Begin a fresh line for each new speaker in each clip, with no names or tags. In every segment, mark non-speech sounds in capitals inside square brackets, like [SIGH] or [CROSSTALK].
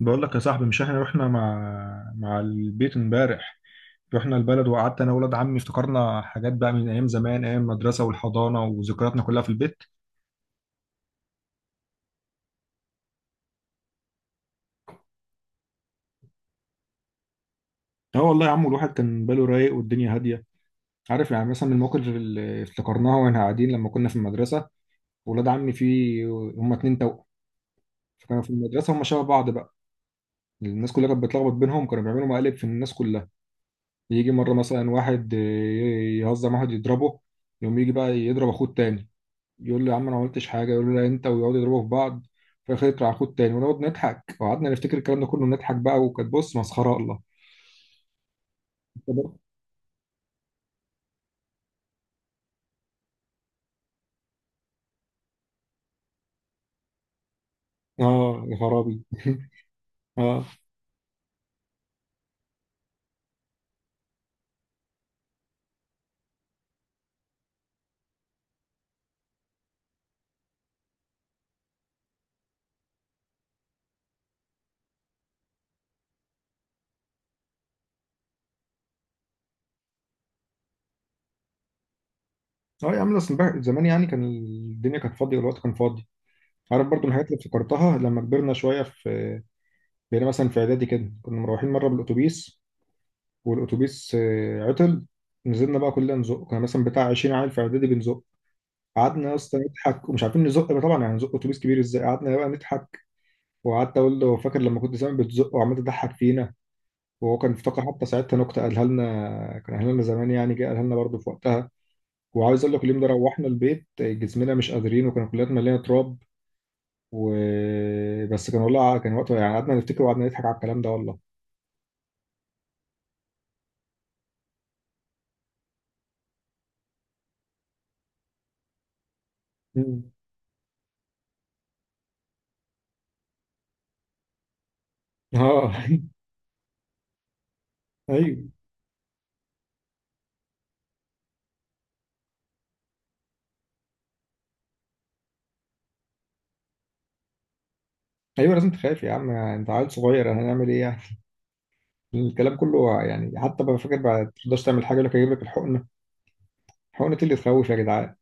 بقول لك يا صاحبي، مش احنا رحنا مع البيت امبارح. رحنا البلد وقعدت انا وولاد عمي، افتكرنا حاجات بقى من ايام زمان، ايام المدرسه والحضانه وذكرياتنا كلها في البيت. اه والله يا عم، الواحد كان باله رايق والدنيا هاديه. عارف يعني مثلا من المواقف اللي افتكرناها واحنا قاعدين لما كنا في المدرسه. ولاد عمي في، هم اتنين توأم، فكانوا في المدرسه هم شبه بعض بقى. الناس كلها كانت بتلخبط بينهم، كانوا بيعملوا مقالب في الناس كلها. يجي مره مثلا واحد يهزم واحد يضربه، يقوم يجي بقى يضرب اخوه التاني. يقول له يا عم انا ما عملتش حاجه، يقول له لا انت، ويقعدوا يضربوا في بعض. في الاخر يطلع اخوه التاني ونقعد نضحك. وقعدنا نفتكر الكلام ده كله نضحك بقى، وكانت بص مسخره الله. اه يا خرابي [LAUGHS] اه. اه يا عم، اصل زمان يعني كان الدنيا كانت فاضيه والوقت كان فاضي. عارف برضو من الحاجات اللي افتكرتها لما كبرنا شويه، في، بقينا مثلا في اعدادي كده، كنا مروحين مره بالاتوبيس. والاتوبيس عطل. نزلنا بقى كلنا نزق، كنا مثلا بتاع 20 عيل في اعدادي بنزق. قعدنا يا اسطى نضحك ومش عارفين نزق بقى، طبعا يعني نزق اتوبيس كبير ازاي؟ قعدنا بقى نضحك. وقعدت اقول له فاكر لما كنت زمان بتزق وعمال تضحك فينا. وهو كان افتكر حتى ساعتها نكته قالها لنا، كان قالها لنا زمان يعني، جه قالها لنا برضه في وقتها. وعاوز اقول لك، اليوم ده روحنا البيت جسمنا مش قادرين، وكان كلياتنا مليانه تراب و... بس كان والله، كان وقتها يعني قعدنا نفتكر وقعدنا نضحك على الكلام ده والله. مم. اه [LAUGHS] ايوه. ايوه لازم تخاف يا عم، انت عيل صغير، هنعمل ايه يعني؟ الكلام كله يعني، حتى بقى فاكر بعد ما تقدرش تعمل حاجه يقول لك هجيب لك الحقنه. الحقنه إيه اللي تخوف يا جدعان؟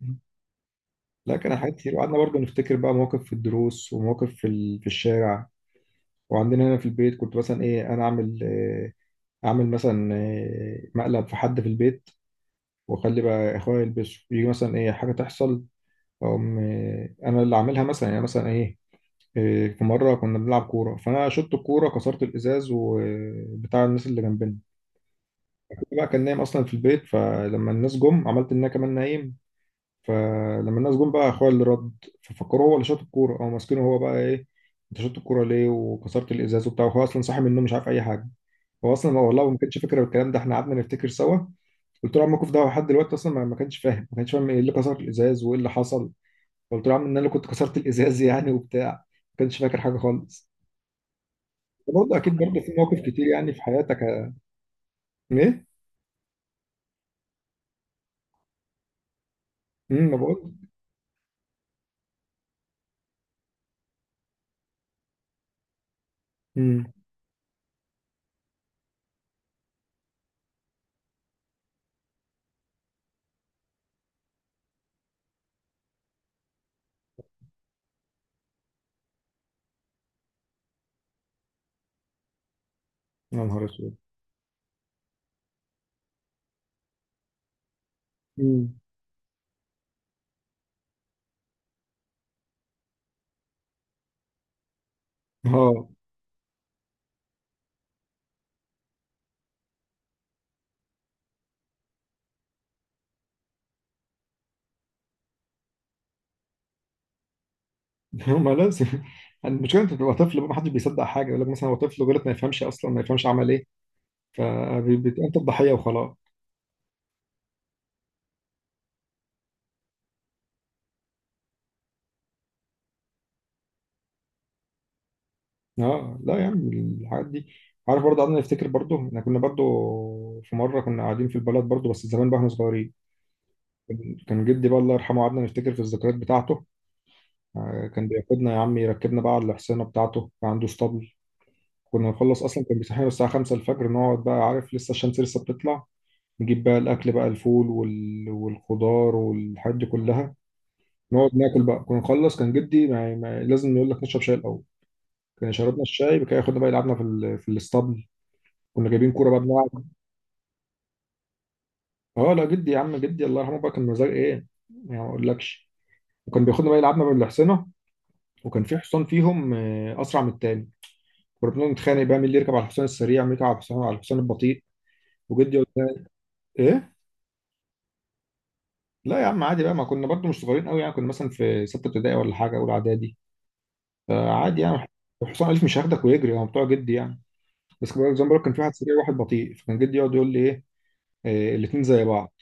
لا، كان حاجات كتير. وقعدنا برضه نفتكر بقى مواقف في الدروس ومواقف في في الشارع. وعندنا هنا في البيت كنت مثلا ايه، انا اعمل إيه؟ اعمل مثلا إيه، مقلب في حد في البيت، واخلي بقى اخويا يلبسه. يجي مثلا ايه حاجه تحصل، أقوم إيه انا اللي اعملها مثلا يعني، مثلا ايه. إيه، في مرة كنا بنلعب كورة فأنا شطت الكورة كسرت الإزاز وبتاع الناس اللي جنبنا. أخويا بقى كان نايم أصلا في البيت، فلما الناس جم عملت إن أنا كمان نايم. فلما الناس جم بقى اخويا اللي رد، ففكروا هو اللي شاط الكوره، او ماسكينه هو بقى ايه، انت شاط الكوره ليه وكسرت الازاز وبتاع. هو اصلا صاحي من النوم مش عارف اي حاجه. هو اصلا والله ما كانش فاكر الكلام ده، احنا قعدنا نفتكر سوا. قلت له يا عم، الموقف ده لحد دلوقتي اصلا ما كانش فاهم، ما كانش فاهم ايه اللي كسر الازاز وايه اللي حصل. قلت له يا عم ان انا اللي كنت كسرت الازاز يعني وبتاع. ما كانش فاكر حاجه خالص. برضه اكيد، برضه في مواقف كتير يعني في حياتك. ايه؟ ما بقول. امم يا نهار اسود. امم اه [LAUGHS] ما لازم. المشكله انت بتبقى طفل بقى، ما حدش بيصدق حاجه، يقول لك مثلا هو طفل غلط ما يفهمش، اصلا ما يفهمش عمل ايه. فبتبقى انت الضحيه وخلاص. اه لا يا عم الحاجات دي. عارف برضه قعدنا نفتكر، برضه احنا كنا برضه، في مره كنا قاعدين في البلد برضه بس زمان بقى احنا صغيرين. كان كان جدي بقى الله يرحمه، قعدنا نفتكر في الذكريات بتاعته. كان بياخدنا يا عم، يركبنا بقى على الحصانه بتاعته، كان عنده اسطبل. كنا نخلص اصلا، كان بيصحينا الساعه 5 الفجر، نقعد بقى عارف لسه الشمس لسه بتطلع. نجيب بقى الأكل بقى، الفول والخضار والحاجات دي كلها. نقعد ناكل بقى، كنا نخلص كان جدي ما... ما... لازم يقول لك نشرب شاي الأول. كان شربنا الشاي بقى ياخدنا بقى يلعبنا في في الاسطبل. كنا جايبين كورة بقى بنلعب. اه لا، جدي يا عم، جدي الله يرحمه بقى، كان مزاج ايه، يعني ما اقولكش. وكان بياخدنا بقى يلعبنا بالحصنة. وكان في حصان فيهم أسرع من التاني. كنا بنقعد نتخانق بقى مين اللي يركب على الحصان السريع، مين يركب على الحصان على الحصان البطيء. وجدي يقول لنا ايه. لا يا عم عادي بقى، ما كنا برضو مش صغيرين قوي يعني، كنا مثلا في ستة ابتدائي ولا حاجة أولى إعدادي، فعادي يعني. حسام الف مش هياخدك ويجري، هو بتوع جدي يعني. بس كان زي ما بقول لك، كان في واحد سريع وواحد بطيء، فكان جدي يقعد يقول لي ايه. إيه، الاتنين زي بعض.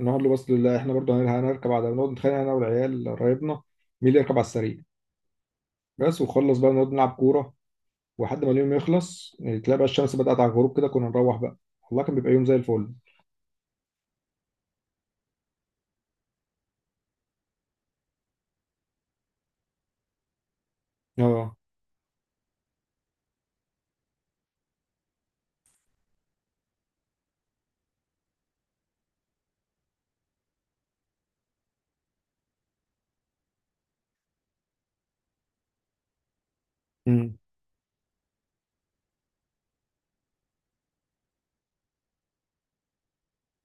نقعد له بس لا احنا برضه هنركب هنركب على نقعد نتخانق انا والعيال قرايبنا، مين اللي يركب على السريع. بس وخلص بقى نقعد نلعب كوره. ولحد ما اليوم يخلص إيه، تلاقي بقى الشمس بدأت على الغروب كده، كنا نروح بقى. والله كان بيبقى يوم زي الفل. اه. امم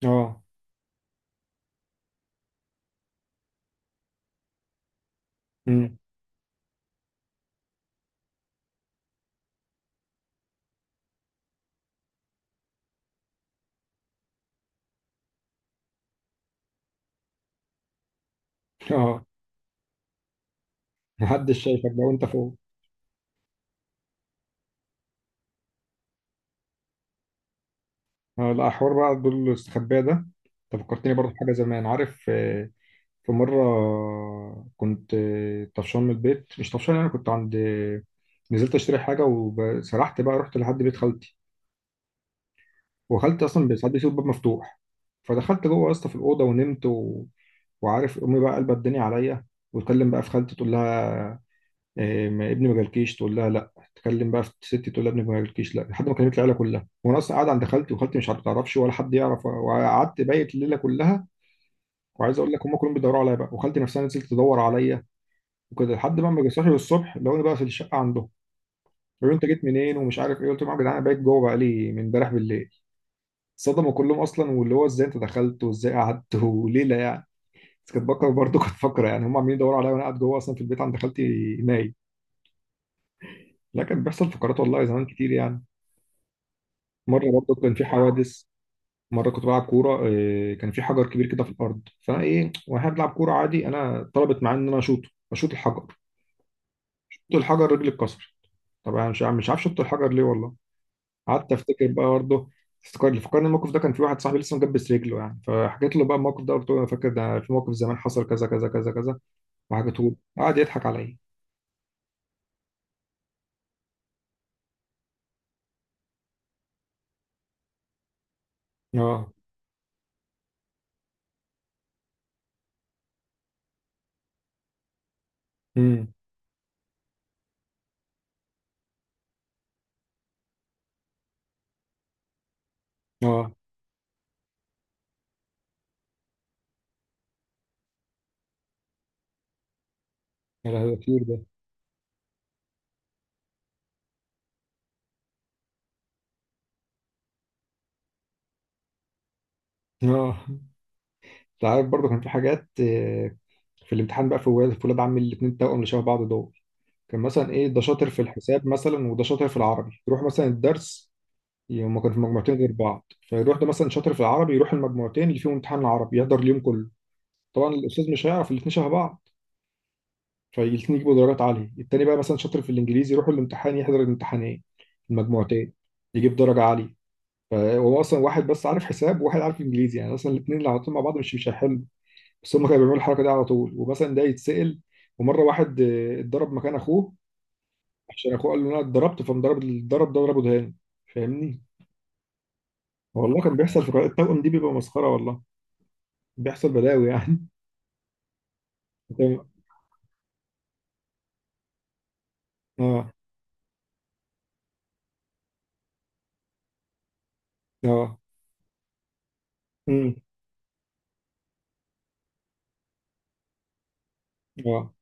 اه. امم اه. محدش شايفك بقى وانت فوق. اه. لا حوار بقى دول الاستخباء ده. انت فكرتني برضه في حاجه زمان. عارف في مرة كنت، طفشان من البيت، مش طفشان، أنا كنت عند، نزلت أشتري حاجة وسرحت بقى، رحت لحد بيت خالتي. وخالتي أصلا ساعات بيسيب الباب مفتوح. فدخلت جوه يا اسطى في الأوضة ونمت وعارف أمي بقى قلبت الدنيا عليا. وتكلم بقى في خالتي تقول لها إيه ما ابني ما جالكيش؟ تقول لها لا. تكلم بقى في ستي تقول لها ابني ما جالكيش، لا. لحد ما كلمت العيلة كلها، وأنا أصلا قاعد عند خالتي وخالتي مش هتعرفش ولا حد يعرف، وقعدت بايت الليلة كلها. وعايز اقول لك هم كلهم بيدوروا عليا بقى، وخالتي نفسها نزلت تدور عليا. وكده لحد بقى ما جه صاحي الصبح لقوني بقى في الشقه عندهم. قالوا لي انت جيت منين ومش عارف ايه؟ قلت لهم يا جدعان انا بقيت جوه بقى لي من امبارح بالليل. صدموا كلهم اصلا، واللي هو ازاي انت دخلت وازاي قعدت [LAUGHS] وليله يعني. بس كنت بفكر برضه، كنت فاكره يعني هم عمالين يدوروا عليا وانا قاعد جوه اصلا في البيت عند خالتي نايم. لا كان بيحصل فقرات والله زمان كتير يعني. مره برضه كان في حوادث. مره كنت بلعب كوره، إيه، كان في حجر كبير كده في الارض، فانا ايه وانا بلعب كوره عادي، انا طلبت معايا ان انا اشوطه، اشوط الحجر. شوط الحجر، رجلي اتكسر. طبعا مش عارف شوط الحجر ليه والله. قعدت افتكر بقى برضه. افتكر اللي فكرني الموقف ده، كان في واحد صاحبي لسه مجبس رجله يعني، فحكيت له بقى الموقف ده، قلت له انا فاكر ده في موقف زمان حصل كذا كذا كذا كذا، وحكيته له. قعد يضحك عليا. اه. امم اه. يا لهوي ده كتير ده. اه. انت عارف برضه كان في حاجات في الامتحان بقى، في ولاد، في ولاد عمي الاثنين توأم اللي شبه بعض دول، كان مثلا ايه ده شاطر في الحساب مثلا وده شاطر في العربي، يروح مثلا الدرس. هما كانوا في مجموعتين غير بعض، فيروح ده مثلا شاطر في العربي يروح المجموعتين اللي فيهم امتحان العربي يحضر اليوم كله. طبعا الاستاذ مش هيعرف الاثنين شبه بعض. فالاثنين يجيبوا درجات عالية. التاني بقى مثلا شاطر في الانجليزي يروح الامتحان يحضر الامتحانين، المجموعتين، يجيب درجة عالية. فهو اصلا واحد بس عارف حساب وواحد عارف انجليزي، يعني اصلا الاثنين لو حطيتهم مع بعض مش هيحلوا. بس هم كانوا بيعملوا الحركة دي على طول، ومثلا ده يتسأل. ومرة واحد اتضرب مكان اخوه، عشان اخوه قال له انا اتضربت، فمضرب الضرب ده ضربه دهان. فاهمني. والله كان بيحصل في قراءة التوأم دي بيبقى مسخرة والله، بيحصل بلاوي يعني. [LAUGHS] اه. اه. امم اه.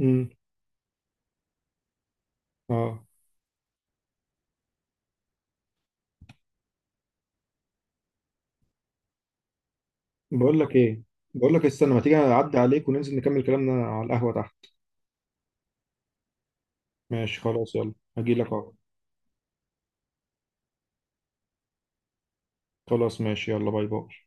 امم اه. بقول لك ايه، بقول لك استنى ما تيجي اعدي عليك وننزل نكمل كلامنا على القهوة تحت. ماشي خلاص، يلا هجيلك اهو. خلاص ماشي، يلا باي باي.